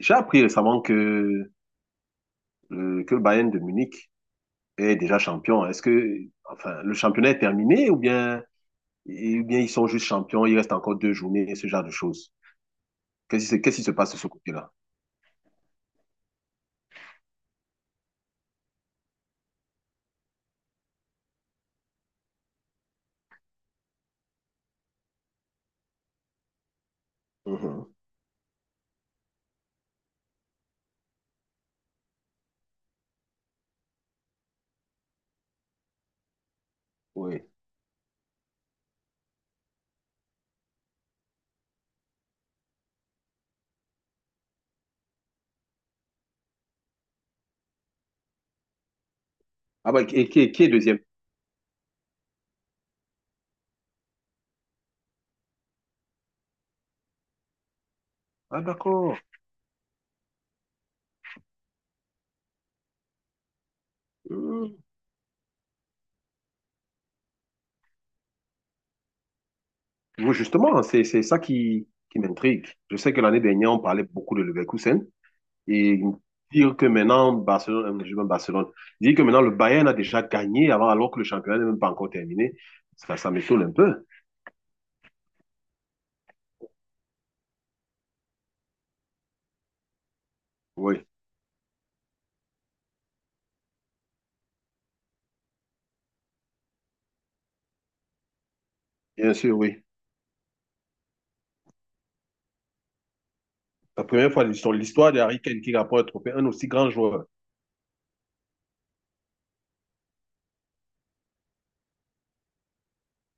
J'ai appris récemment que le Bayern de Munich est déjà champion. Est-ce que le championnat est terminé, ou bien ils sont juste champions, il reste encore deux journées, ce genre de choses. Qu'est-ce qui se passe de ce côté-là? Mhm. Oui. Ah bah, qui est deuxième? Ah, d'accord. Mhm. Oui, justement, c'est ça qui m'intrigue. Je sais que l'année dernière, on parlait beaucoup de Leverkusen. Et dire que maintenant, Barcelone, je dis même Barcelone, dire que maintenant le Bayern a déjà gagné avant, alors que le championnat n'est même pas encore terminé, ça m'étonne un peu. Oui, bien sûr, oui. La première fois de l'histoire de Harry Kane qui rapporte un trophée, un aussi grand joueur.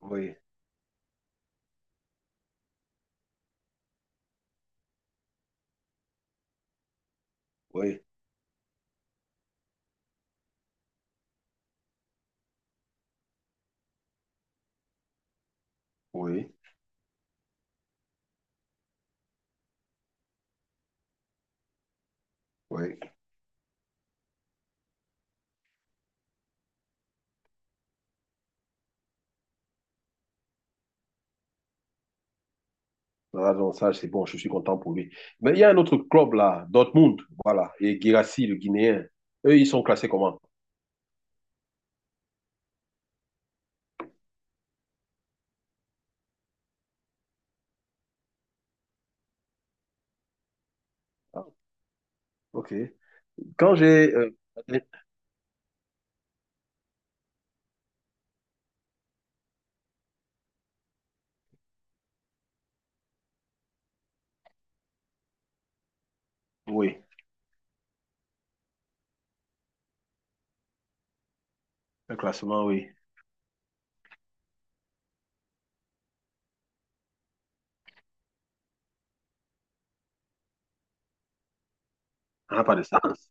Oui, oui, oui, oui. Ah, donc ça, c'est bon, je suis content pour lui. Mais il y a un autre club là, Dortmund, voilà, et Guirassy, le Guinéen. Eux, ils sont classés comment? Ah, ok. Quand j'ai. Oui, un classement, oui. Ça n'a pas de sens.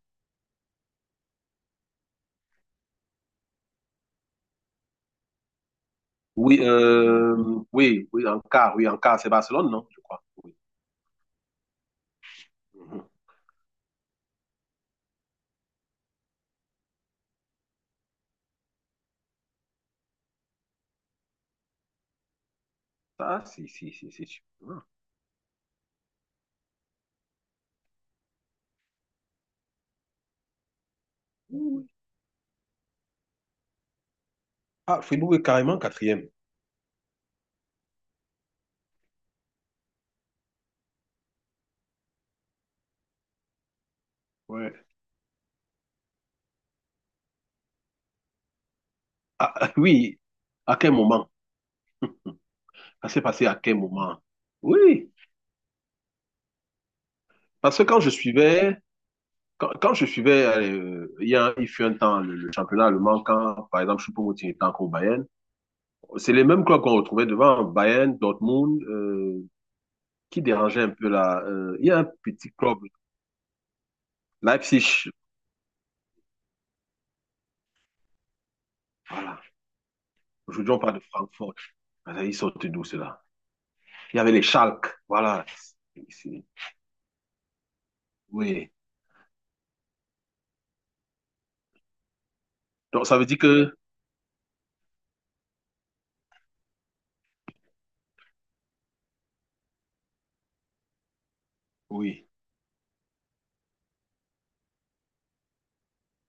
Oui, euh, oui, en quart, c'est Barcelone, non, je crois. Oui. Mhm. Ça, si, c'est sûr. Ah, oui. Ah, Fribourg est carrément quatrième. Ouais. Ah, ah, oui, à quel moment? Ça s'est passé à quel moment? Oui, parce que quand je suivais, il fut un temps, le championnat allemand, quand, par exemple, Choupo-Moting était encore au Bayern, c'est les mêmes clubs qu'on retrouvait devant, qui dérangeait un peu là. Il y a un petit club, Leipzig, voilà. Aujourd'hui, on parle de Francfort. Ah, ils sortent d'où cela? Il y avait les Schalke, voilà. Oui. Donc ça veut dire que oui.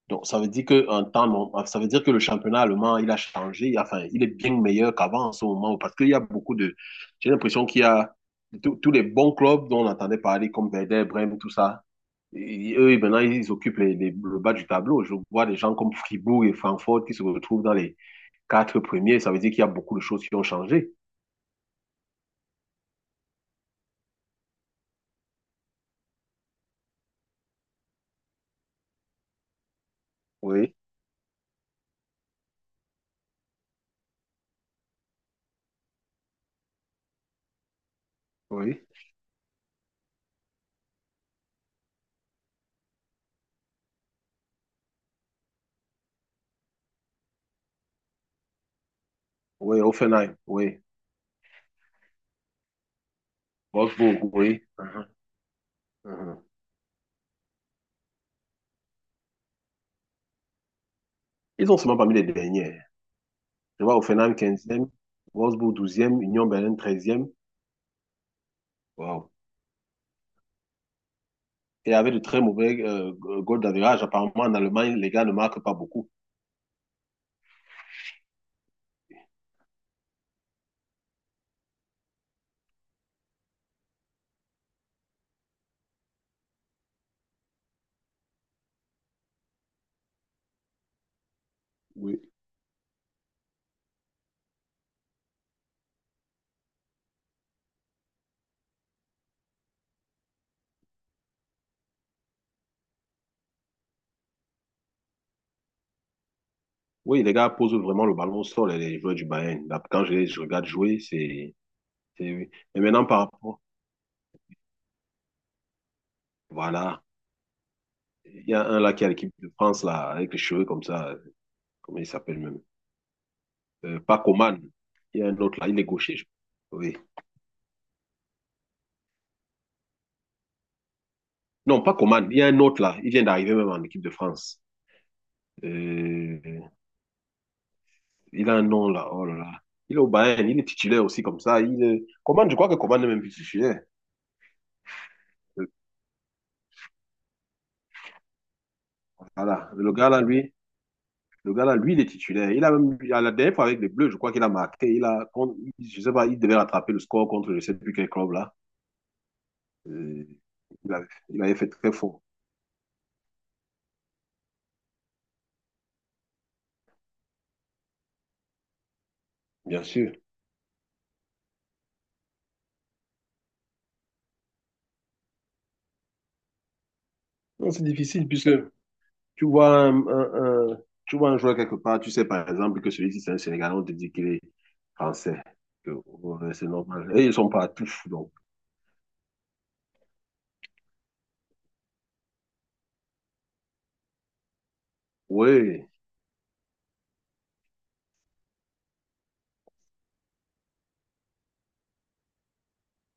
Donc ça veut dire que en temps norm- ah, ça veut dire que le championnat allemand, il a changé, enfin, il est bien meilleur qu'avant en ce moment parce qu'il y a beaucoup de j'ai l'impression qu'il y a tous les bons clubs dont on entendait parler comme Werder Bremen, tout ça. Et eux, maintenant, ils occupent le bas du tableau. Je vois des gens comme Fribourg et Francfort qui se retrouvent dans les quatre premiers. Ça veut dire qu'il y a beaucoup de choses qui ont changé. Oui, oui. Oui, Offenheim, oui. Wolfsburg, oui. Mhm, mhm. Ils sont seulement parmi les derniers. Je vois Offenheim quinzième, Wolfsburg douzième, Union Berlin treizième. Wow. Et avec de très mauvais goal d'average, apparemment en Allemagne, les gars ne marquent pas beaucoup. Oui. Oui, les gars posent vraiment le ballon au sol, les joueurs du Bayern. Là, quand je regarde jouer, c'est... Et maintenant, par rapport... Voilà. Il y a un là qui a l'équipe de France, là, avec les cheveux comme ça. Comment il s'appelle même? Pas Coman. Il y a un autre là, il est gaucher. Oui. Non, pas Coman. Il y a un autre là. Il vient d'arriver même en équipe de France. Euh, il a un nom là. Oh là là. Il est au Bayern. Il est titulaire aussi comme ça. Coman, je crois que Coman n'est même plus titulaire. Euh, Voilà. Le gars là, lui, il est titulaire. Il a même, à la dernière fois avec les Bleus, je crois qu'il a marqué. Je sais pas, il devait rattraper le score contre je sais plus quel club là. Euh, il avait fait très fort. Bien sûr. Non, c'est difficile puisque tu vois un, un- un- tu vois un joueur quelque part, tu sais par exemple que celui-ci c'est un Sénégalais, on te dit qu'il est français. Que ouais, c'est normal. Et ils sont partout. Donc, oui.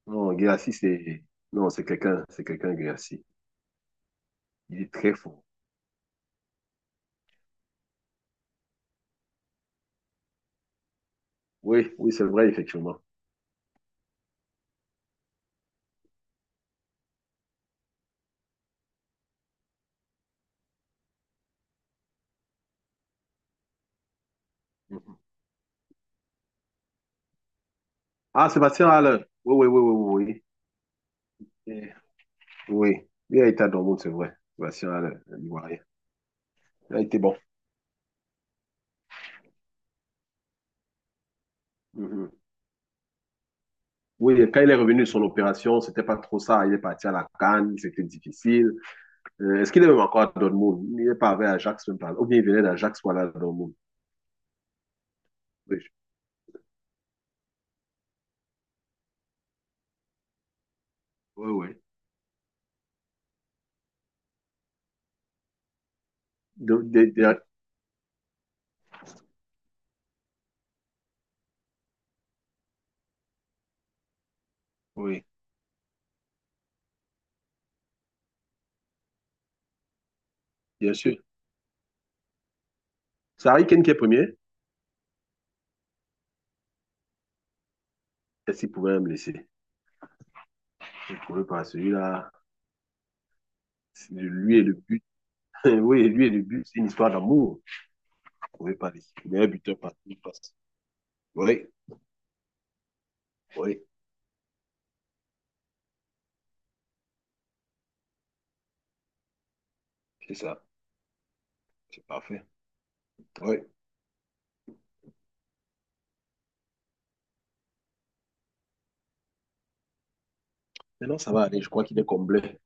Non, Guirassy, c'est. Non, c'est quelqu'un, Guirassy. Il est très fort. Oui, oui, c'est vrai, effectivement. Mhm. Ah, Sébastien Haller. Oui, oui, oui, oui, oui. Oui. Oui, il a été à Dortmund, c'est vrai. Sébastien Haller, l'Ivoirien. Il a été bon. Mhm. Oui, et quand il est revenu de son opération, c'était pas trop ça. Il est parti à la CAN, c'était difficile. Est-ce qu'il est même encore à Dortmund? Il n'est pas avec Ajax, même pas. Ou bien il venait d'Ajax, voilà, Dortmund. Oui, oui, oui. De- de- de- oui, bien sûr. C'est Harry Kane qui est premier. Est-ce qu'il pouvait me laisser? Il ne pouvait pas. Celui-là, lui et le but. Oui, lui et le but, c'est une histoire d'amour. Il ne pouvait pas laisser. Le meilleur buteur partout, il passe. Oui, oui, c'est ça. C'est parfait. Oui. Maintenant, ça va aller. Je crois qu'il est comblé.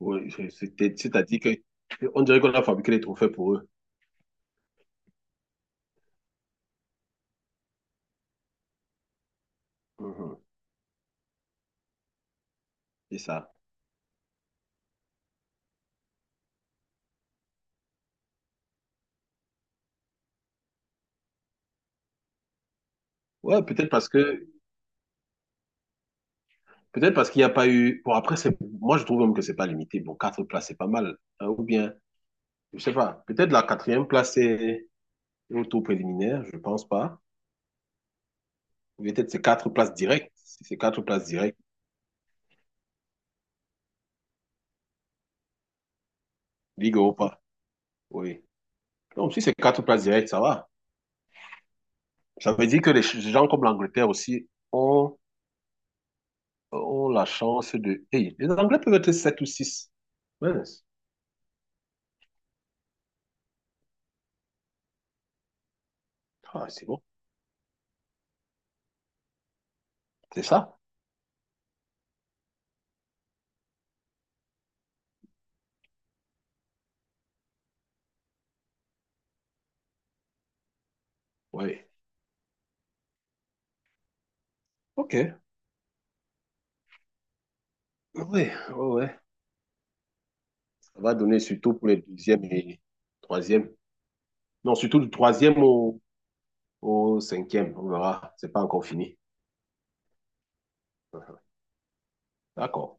Oui, c'est-à-dire que on dirait qu'on a fabriqué les trophées pour eux. Mhm. C'est ça. Ouais, peut-être parce qu'il n'y a pas eu. Bon, après, c'est moi, je trouve même que c'est pas limité. Bon, quatre places, c'est pas mal. Hein, ou bien, je sais pas. Peut-être la quatrième place c'est au tour préliminaire, je pense pas. Ou peut-être c'est quatre places directes. Si c'est quatre places directes, Ligue Europa. Oui. Donc si c'est quatre places directes, ça va. Ça veut dire que gens comme l'Angleterre aussi ont, ont la chance de. Hey, les Anglais peuvent être sept ou six. Mince. Ah, c'est bon. C'est ça? Oui. OK. Oui, oui, oui. Ça va donner surtout pour les deuxième et troisième. Non, surtout du troisième au, au cinquième. On verra. C'est pas encore fini. D'accord.